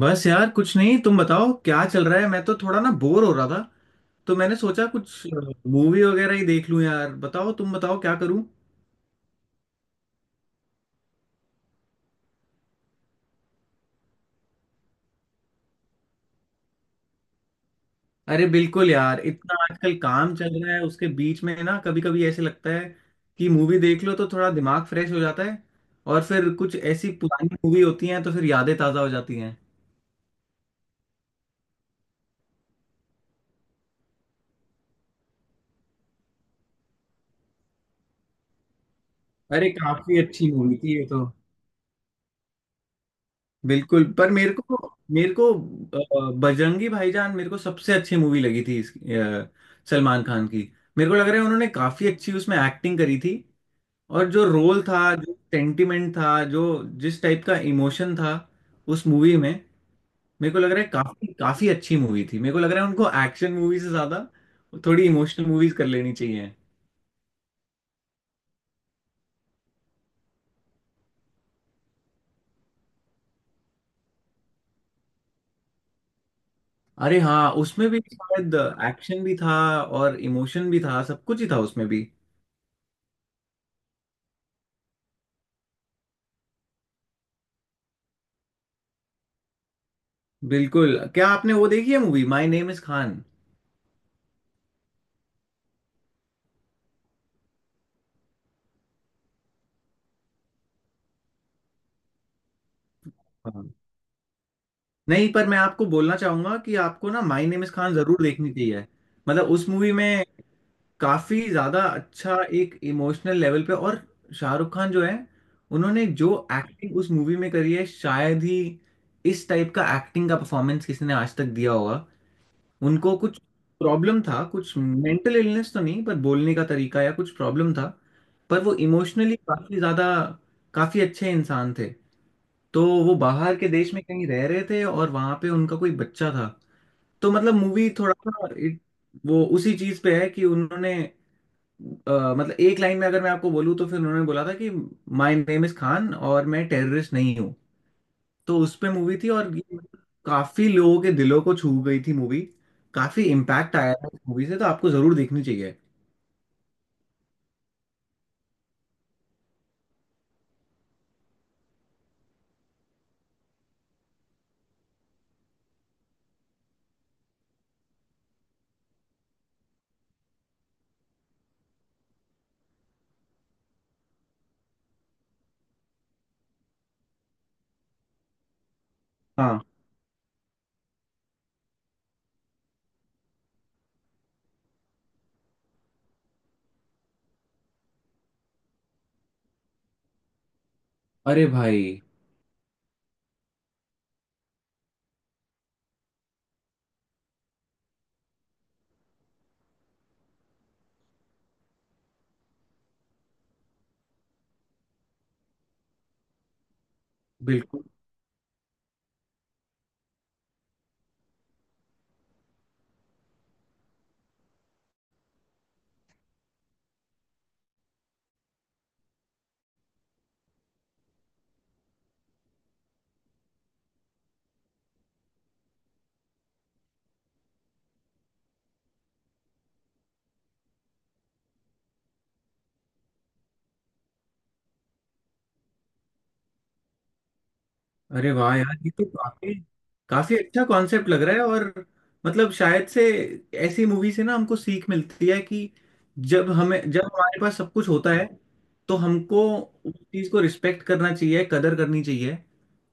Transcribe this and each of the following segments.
बस यार कुछ नहीं। तुम बताओ क्या चल रहा है। मैं तो थोड़ा ना बोर हो रहा था तो मैंने सोचा कुछ मूवी वगैरह ही देख लूं। यार बताओ तुम बताओ क्या करूं। अरे बिल्कुल यार, इतना आजकल काम चल रहा है उसके बीच में ना कभी कभी ऐसे लगता है कि मूवी देख लो तो थोड़ा दिमाग फ्रेश हो जाता है। और फिर कुछ ऐसी पुरानी मूवी होती हैं तो फिर यादें ताज़ा हो जाती हैं। अरे काफी अच्छी मूवी थी ये तो। बिल्कुल पर बजरंगी भाईजान मेरे को सबसे अच्छी मूवी लगी थी इसकी, सलमान खान की। मेरे को लग रहा है उन्होंने काफी अच्छी उसमें एक्टिंग करी थी। और जो रोल था, जो सेंटिमेंट था, जो जिस टाइप का इमोशन था उस मूवी में, मेरे को लग रहा है काफी काफी अच्छी मूवी थी। मेरे को लग रहा है उनको एक्शन मूवी से ज्यादा थोड़ी इमोशनल मूवीज कर लेनी चाहिए। अरे हाँ, उसमें भी शायद एक्शन भी था और इमोशन भी था, सब कुछ ही था उसमें भी। बिल्कुल। क्या आपने वो देखी है movie my name is Khan? हाँ, नहीं पर मैं आपको बोलना चाहूंगा कि आपको ना माई नेम इज खान जरूर देखनी चाहिए। मतलब उस मूवी में काफी ज्यादा अच्छा एक इमोशनल लेवल पे, और शाहरुख खान जो है उन्होंने जो एक्टिंग उस मूवी में करी है, शायद ही इस टाइप का एक्टिंग का परफॉर्मेंस किसी ने आज तक दिया होगा। उनको कुछ प्रॉब्लम था, कुछ मेंटल इलनेस तो नहीं पर बोलने का तरीका या कुछ प्रॉब्लम था, पर वो इमोशनली काफी ज्यादा काफी अच्छे इंसान थे। तो वो बाहर के देश में कहीं रह रहे थे और वहां पे उनका कोई बच्चा था। तो मतलब मूवी थोड़ा सा वो उसी चीज पे है कि उन्होंने, मतलब एक लाइन में अगर मैं आपको बोलूँ तो फिर उन्होंने बोला था कि माय नेम इज खान और मैं टेररिस्ट नहीं हूँ। तो उस पे मूवी थी और ये काफी लोगों के दिलों को छू गई थी मूवी। काफी इम्पैक्ट आया था मूवी से, तो आपको जरूर देखनी चाहिए। हाँ। अरे भाई बिल्कुल। अरे वाह यार, ये तो काफी काफी अच्छा कॉन्सेप्ट लग रहा है। और मतलब शायद से ऐसी मूवी से ना हमको सीख मिलती है कि जब हमारे पास सब कुछ होता है तो हमको उस चीज को रिस्पेक्ट करना चाहिए, कदर करनी चाहिए।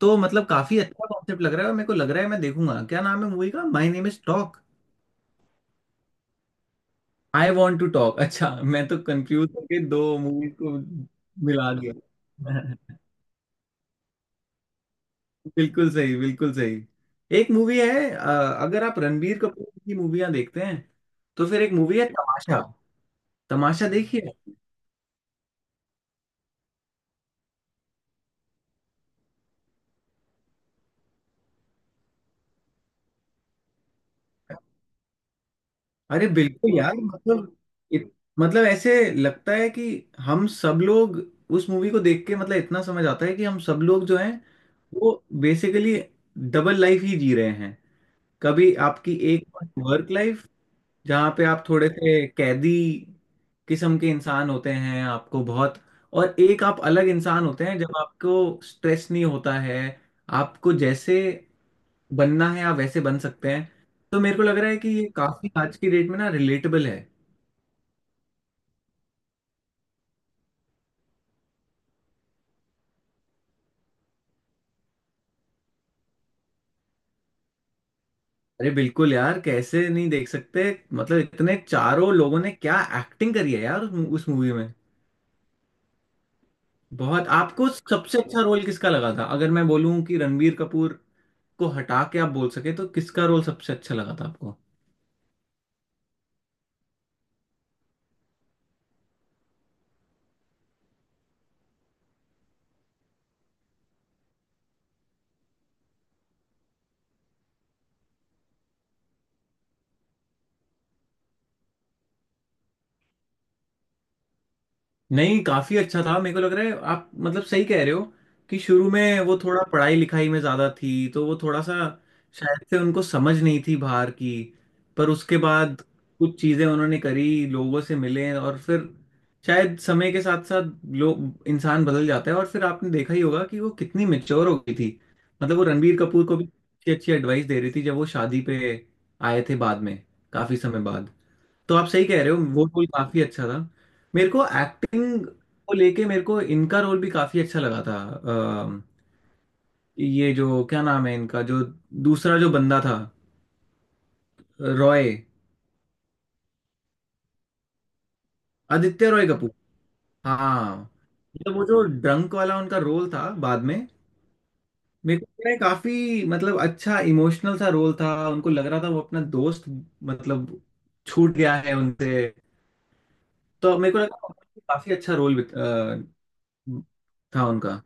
तो मतलब काफी अच्छा कॉन्सेप्ट लग रहा है और मेरे को लग रहा है मैं देखूंगा। क्या नाम है मूवी का, my name is talk? I want to talk. अच्छा मैं तो कंफ्यूज होके दो मूवी को मिला दिया। बिल्कुल सही, बिल्कुल सही। एक मूवी है, अगर आप रणबीर कपूर की मूवियां देखते हैं तो फिर एक मूवी है तमाशा। तमाशा देखिए। अरे बिल्कुल यार, मतलब इत, मतलब ऐसे लगता है कि हम सब लोग उस मूवी को देख के मतलब इतना समझ आता है कि हम सब लोग जो हैं वो बेसिकली डबल लाइफ ही जी रहे हैं। कभी आपकी एक वर्क लाइफ जहाँ पे आप थोड़े से कैदी किस्म के इंसान होते हैं, आपको बहुत, और एक आप अलग इंसान होते हैं जब आपको स्ट्रेस नहीं होता है। आपको जैसे बनना है आप वैसे बन सकते हैं। तो मेरे को लग रहा है कि ये काफी आज की डेट में ना रिलेटेबल है। अरे बिल्कुल यार, कैसे नहीं देख सकते। मतलब इतने चारों लोगों ने क्या एक्टिंग करी है यार उस मूवी में। बहुत। आपको सबसे अच्छा रोल किसका लगा था? अगर मैं बोलूं कि रणबीर कपूर को हटा के आप बोल सके तो किसका रोल सबसे अच्छा लगा था आपको? नहीं काफी अच्छा था, मेरे को लग रहा है आप मतलब सही कह रहे हो कि शुरू में वो थोड़ा पढ़ाई लिखाई में ज्यादा थी, तो वो थोड़ा सा शायद से उनको समझ नहीं थी बाहर की। पर उसके बाद कुछ चीजें उन्होंने करी, लोगों से मिले और फिर शायद समय के साथ साथ लोग, इंसान बदल जाता है। और फिर आपने देखा ही होगा कि वो कितनी मेच्योर हो गई थी। मतलब वो रणबीर कपूर को भी अच्छी अच्छी एडवाइस दे रही थी जब वो शादी पे आए थे बाद में, काफी समय बाद। तो आप सही कह रहे हो, वो रोल काफी अच्छा था। मेरे को एक्टिंग को लेके मेरे को इनका रोल भी काफी अच्छा लगा था। अम, ये जो क्या नाम है इनका, जो दूसरा जो बंदा था, रॉय, आदित्य रॉय कपूर। हाँ, मतलब वो जो ड्रंक वाला उनका रोल था बाद में, मेरे को लग रहा है काफी मतलब अच्छा इमोशनल सा रोल था। उनको लग रहा था वो अपना दोस्त, मतलब, छूट गया है उनसे। तो मेरे को लगा काफी अच्छा रोल था उनका।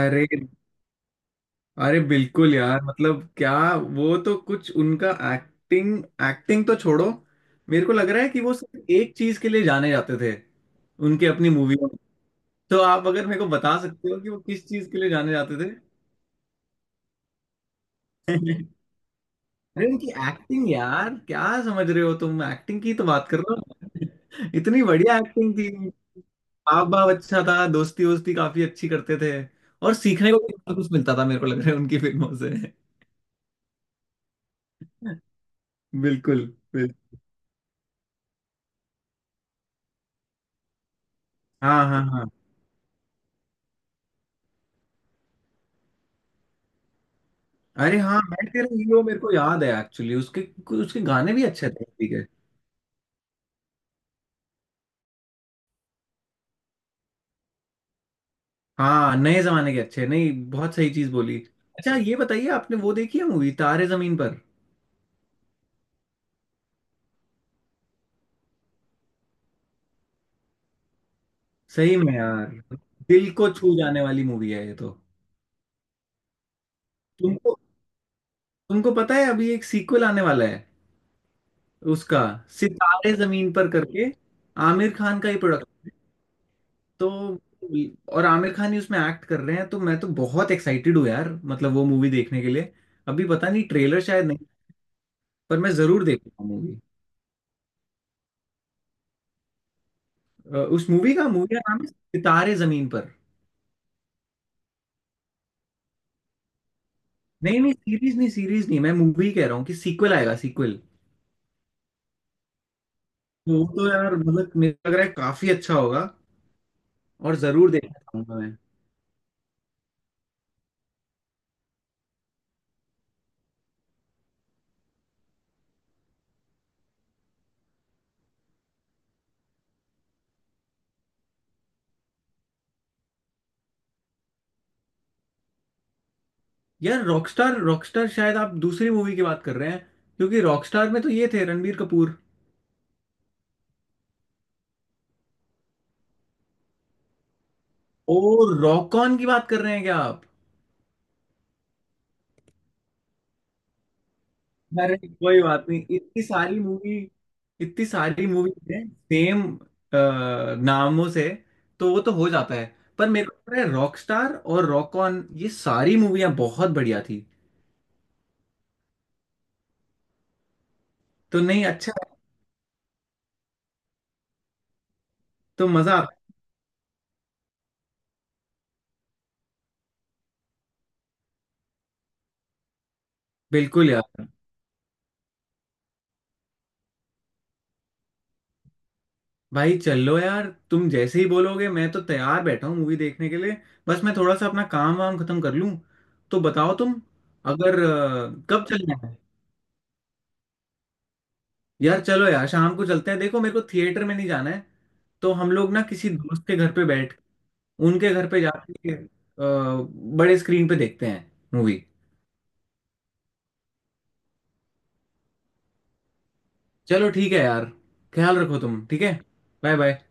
अरे अरे बिल्कुल यार, मतलब क्या, वो तो कुछ उनका एक्टिंग, एक्टिंग तो छोड़ो, मेरे को लग रहा है कि वो सिर्फ एक चीज के लिए जाने जाते थे उनके अपनी मूवी में। तो आप अगर मेरे को बता सकते हो कि वो किस चीज के लिए जाने जाते थे? अरे उनकी एक्टिंग यार, क्या समझ रहे हो तुम, एक्टिंग की तो बात कर रहे हो। इतनी बढ़िया एक्टिंग थी। हाव भाव अच्छा था, दोस्ती वोस्ती काफी अच्छी करते थे, और सीखने को भी बहुत कुछ मिलता था मेरे को लग रहा है उनकी फिल्मों से। बिल्कुल। बिल्कुल। हाँ हाँ हाँ। अरे हाँ, मैं तेरा हीरो मेरे को याद है। एक्चुअली उसके उसके गाने भी अच्छे थे, ठीक है। हाँ, नए जमाने के अच्छे, नहीं बहुत सही चीज बोली। अच्छा ये बताइए, आपने वो देखी है मूवी तारे जमीन पर? सही में यार, दिल को छू जाने वाली मूवी है ये तो। तुमको तुमको पता है अभी एक सीक्वल आने वाला है उसका, सितारे जमीन पर करके, आमिर खान का ही प्रोडक्ट। तो और आमिर खान ही उसमें एक्ट कर रहे हैं, तो मैं तो बहुत एक्साइटेड हूँ यार, मतलब वो मूवी देखने के लिए। अभी पता नहीं, ट्रेलर शायद, पर मैं जरूर देखूंगा मूवी। उस मूवी का नाम है सितारे जमीन पर। नहीं नहीं, सीरीज नहीं सीरीज नहीं, मैं मूवी कह रहा हूँ कि सीक्वल आएगा, सीक्वल। तो वो तो यार मतलब मुझे लग रहा है काफी अच्छा होगा, और जरूर देखना चाहूंगा मैं। यार रॉकस्टार, रॉकस्टार शायद आप दूसरी मूवी की बात कर रहे हैं, क्योंकि रॉकस्टार में तो ये थे रणबीर कपूर। ओ, रॉक ऑन की बात कर रहे हैं क्या आप? अरे कोई बात नहीं, इतनी सारी मूवी, इतनी सारी मूवी है सेम नामों से, तो वो तो हो जाता है। पर मेरे को पता है रॉकस्टार और रॉक ऑन ये सारी मूवियां बहुत बढ़िया थी। तो नहीं, अच्छा है, तो मजा आता है। बिल्कुल यार। भाई चलो यार, तुम जैसे ही बोलोगे मैं तो तैयार बैठा हूँ मूवी देखने के लिए। बस मैं थोड़ा सा अपना काम वाम खत्म कर लूँ। तो बताओ तुम, अगर, कब चलना है? यार चलो यार, शाम को चलते हैं। देखो मेरे को थिएटर में नहीं जाना है, तो हम लोग ना किसी दोस्त के घर पे बैठ, उनके घर पे जाके, बड़े स्क्रीन पे देखते हैं मूवी। चलो ठीक है यार, ख्याल रखो तुम, ठीक है। Bye bye.